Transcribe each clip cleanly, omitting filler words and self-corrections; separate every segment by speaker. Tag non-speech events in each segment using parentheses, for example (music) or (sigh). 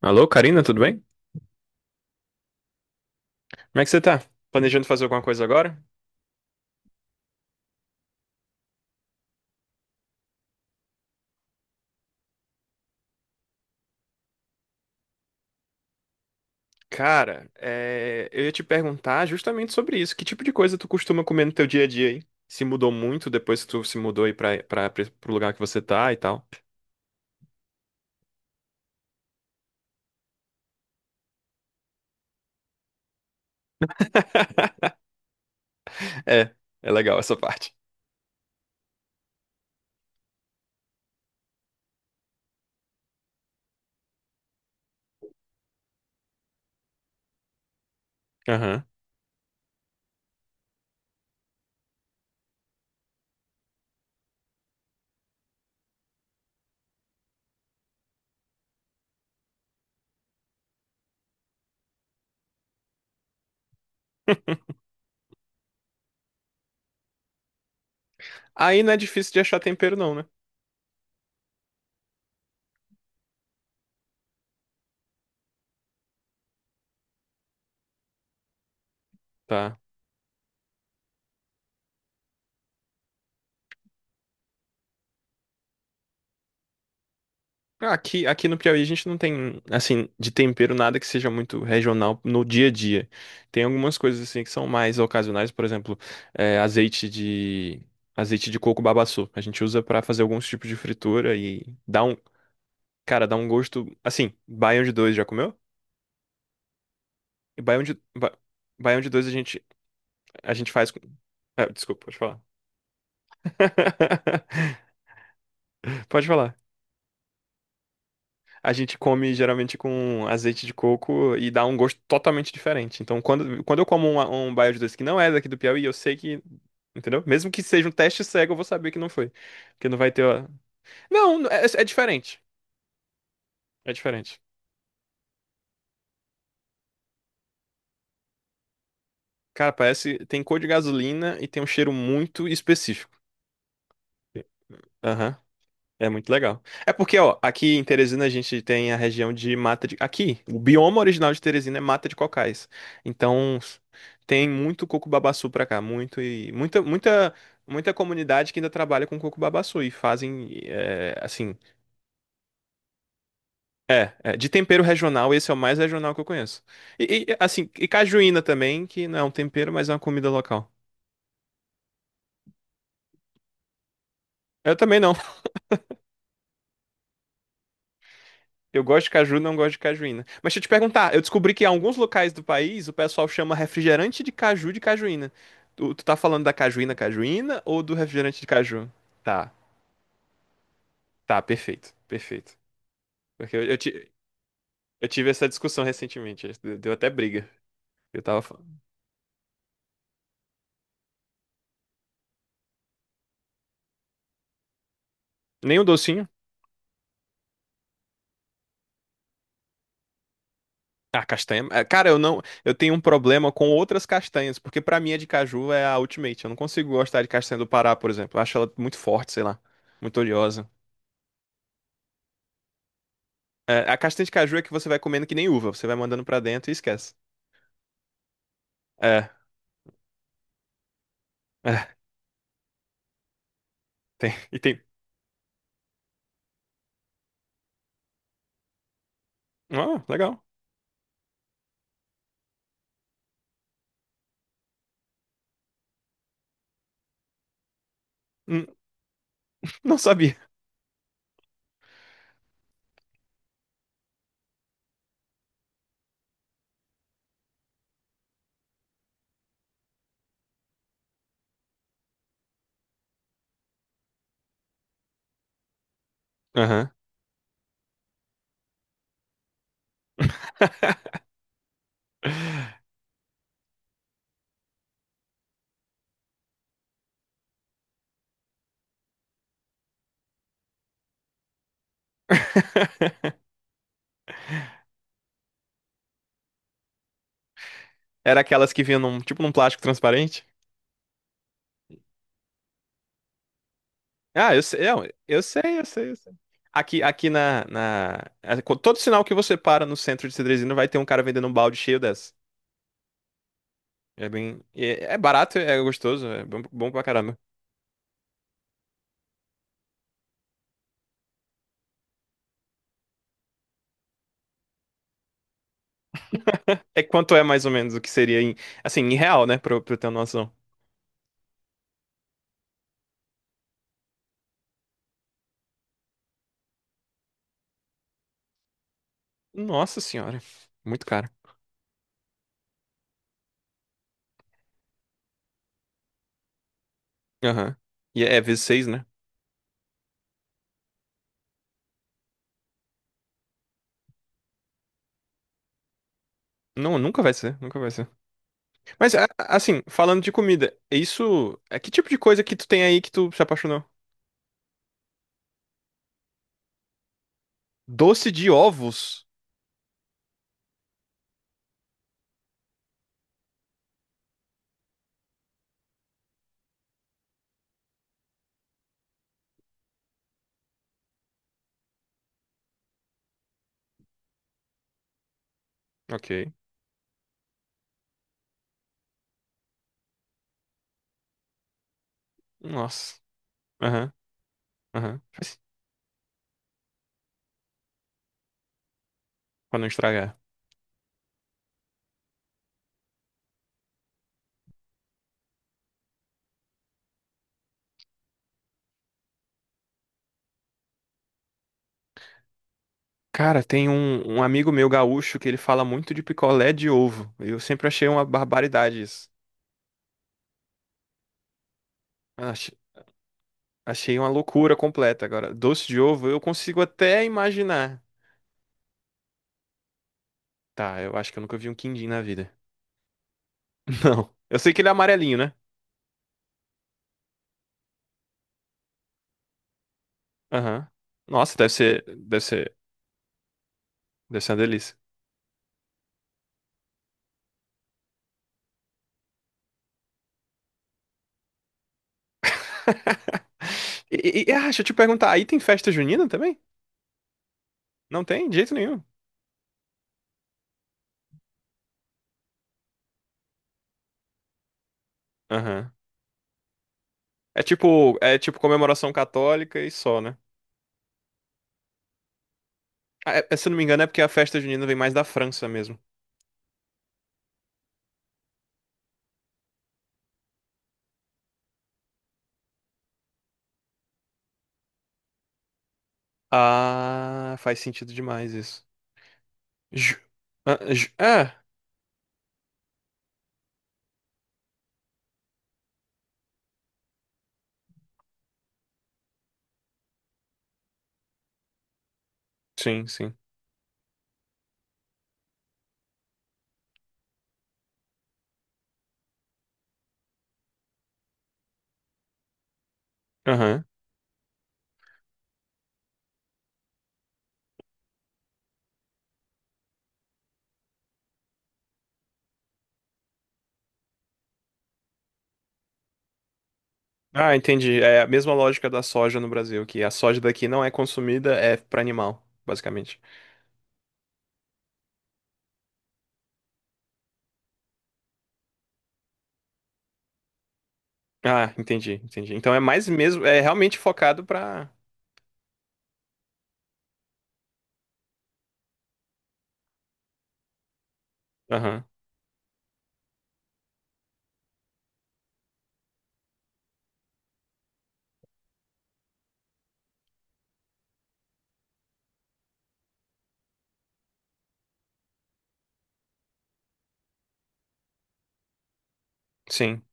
Speaker 1: Alô, Karina, tudo bem? Como é que você tá? Planejando fazer alguma coisa agora? Cara, eu ia te perguntar justamente sobre isso. Que tipo de coisa tu costuma comer no teu dia a dia, hein? Se mudou muito depois que tu se mudou aí pro lugar que você tá e tal. É, é legal essa parte. Aham. Aí não é difícil de achar tempero, não, né? Tá. Ah, aqui no Piauí a gente não tem, assim, de tempero nada que seja muito regional no dia a dia. Tem algumas coisas, assim, que são mais ocasionais, por exemplo, é, azeite de, azeite de coco babaçu. A gente usa pra fazer alguns tipos de fritura e cara, dá um gosto, assim, baião de dois já comeu? E baião de dois a gente faz com, desculpa, pode falar. (laughs) Pode falar. A gente come geralmente com azeite de coco e dá um gosto totalmente diferente. Então, quando eu como um baião de doce que não é daqui do Piauí, eu sei que. Entendeu? Mesmo que seja um teste cego, eu vou saber que não foi. Porque não vai ter. Não, é diferente. É diferente. Cara, parece. Tem cor de gasolina e tem um cheiro muito específico. Aham. É muito legal. É porque, ó, aqui em Teresina a gente tem a região de mata de. Aqui, o bioma original de Teresina é mata de cocais. Então, tem muito coco babaçu pra cá, muito e muita, muita, muita comunidade que ainda trabalha com coco babaçu e fazem, assim, de tempero regional, esse é o mais regional que eu conheço. E, assim, e cajuína também, que não é um tempero, mas é uma comida local. Eu também não. Eu gosto de caju, não gosto de cajuína. Mas deixa eu te perguntar, eu descobri que em alguns locais do país o pessoal chama refrigerante de caju de cajuína. Tu tá falando da cajuína cajuína ou do refrigerante de caju? Tá, tá, perfeito, perfeito. Porque eu tive essa discussão recentemente, deu até briga. Eu tava falando. Nem o docinho? Ah, castanha. Ah, cara, eu não, eu tenho um problema com outras castanhas, porque pra mim a de caju é a ultimate. Eu não consigo gostar de castanha do Pará, por exemplo. Eu acho ela muito forte, sei lá, muito oleosa. É, a castanha de caju é que você vai comendo que nem uva, você vai mandando pra dentro e esquece. É, é, tem, e tem. Ah, legal. Hum, Não sabia. Aham. (laughs) Era aquelas que vinham num, tipo num plástico transparente? Ah, eu sei, eu sei, eu sei, eu sei. Aqui, aqui na, na. É, co- Todo sinal que você para no centro de Cedrezinho vai ter um cara vendendo um balde cheio dessa. É bem. É, barato, é gostoso, é bom, bom pra caramba. É quanto é mais ou menos o que seria em. Assim, em real, né? Pra eu ter uma noção. Nossa senhora. Muito caro. Aham. E é V6, né? Não, nunca vai ser, nunca vai ser. Mas, assim, falando de comida, isso. É que tipo de coisa que tu tem aí que tu se apaixonou? Doce de ovos. Ok. Nossa. Aham, aham. Pra não estragar. Cara, tem um amigo meu gaúcho que ele fala muito de picolé de ovo. Eu sempre achei uma barbaridade isso. Ach- Achei uma loucura completa. Agora, doce de ovo, eu consigo até imaginar. Tá, eu acho que eu nunca vi um quindim na vida. (laughs) Não. Eu sei que ele é amarelinho, né? Aham. Nossa, deve ser, deve ser, deve ser uma delícia. (laughs) Deixa eu te perguntar, aí tem festa junina também? Não tem, de jeito nenhum. Aham. É tipo comemoração católica e só, né? Ah, se eu não me engano, é porque a festa junina vem mais da França mesmo. Ah, faz sentido demais isso. Ju- Ah, ju- ah, sim, sim. Aham. Ah, entendi. É a mesma lógica da soja no Brasil, que a soja daqui não é consumida, é pra animal, basicamente. Ah, entendi, entendi. Então é mais mesmo, é realmente focado pra. Aham, sim.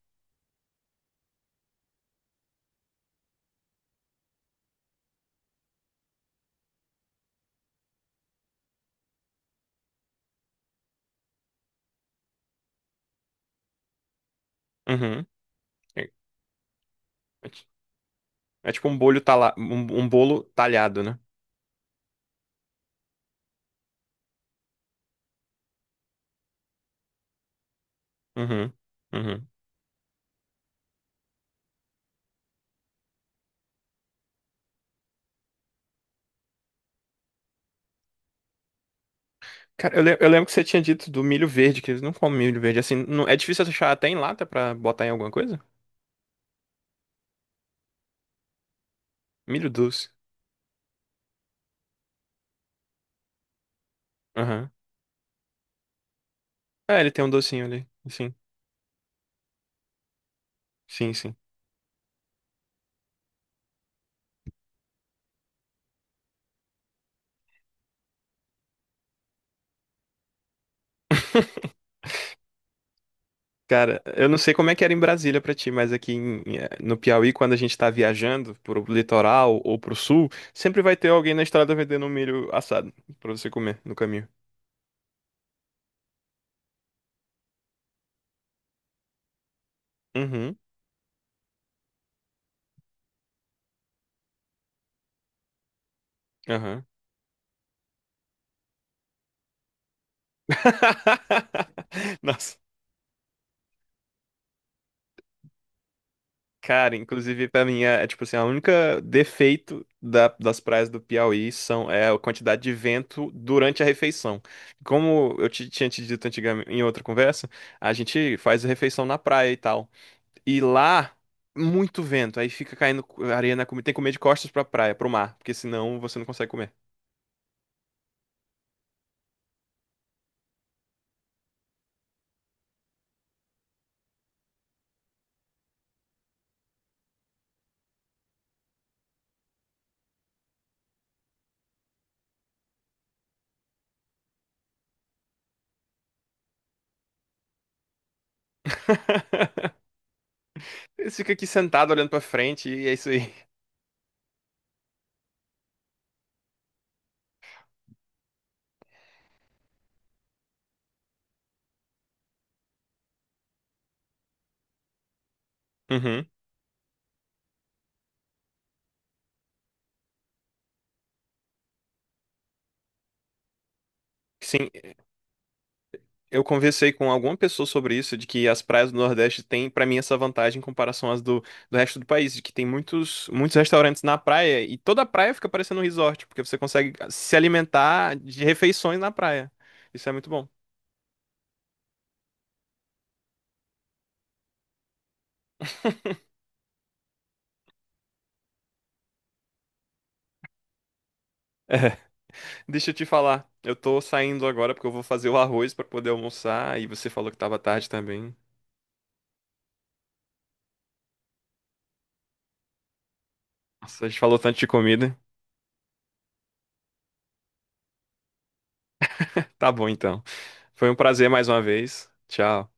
Speaker 1: Uhum. É, é ti- é tipo um bolo talhado, né? Uhum. Uhum. Cara, eu lembro que você tinha dito do milho verde, que eles não comem milho verde assim. É difícil achar até em lata pra botar em alguma coisa? Milho doce. Aham. É, ele tem um docinho ali. Sim, sim, sim. (laughs) Cara, eu não sei como é que era em Brasília pra ti, mas aqui no Piauí, quando a gente tá viajando pro litoral ou pro sul, sempre vai ter alguém na estrada vendendo um milho assado pra você comer no caminho. Uhum, aham. (laughs) Nossa, cara, inclusive pra mim é, tipo assim, a única defeito das praias do Piauí são é a quantidade de vento durante a refeição. Como eu te, tinha te dito antigamente em outra conversa, a gente faz a refeição na praia e tal. E lá, muito vento. Aí fica caindo areia na comida. Tem que comer de costas pra praia, pro mar. Porque senão você não consegue comer. (laughs) Você fica aqui sentado olhando pra frente e é isso aí. Uhum. Sim, eu conversei com alguma pessoa sobre isso, de que as praias do Nordeste têm, pra mim, essa vantagem em comparação às do resto do país, de que tem muitos, muitos restaurantes na praia e toda a praia fica parecendo um resort, porque você consegue se alimentar de refeições na praia. Isso é muito bom. (laughs) Deixa eu te falar, eu tô saindo agora porque eu vou fazer o arroz pra poder almoçar e você falou que tava tarde também. Nossa, a gente falou tanto de comida. Tá bom então. Foi um prazer mais uma vez. Tchau.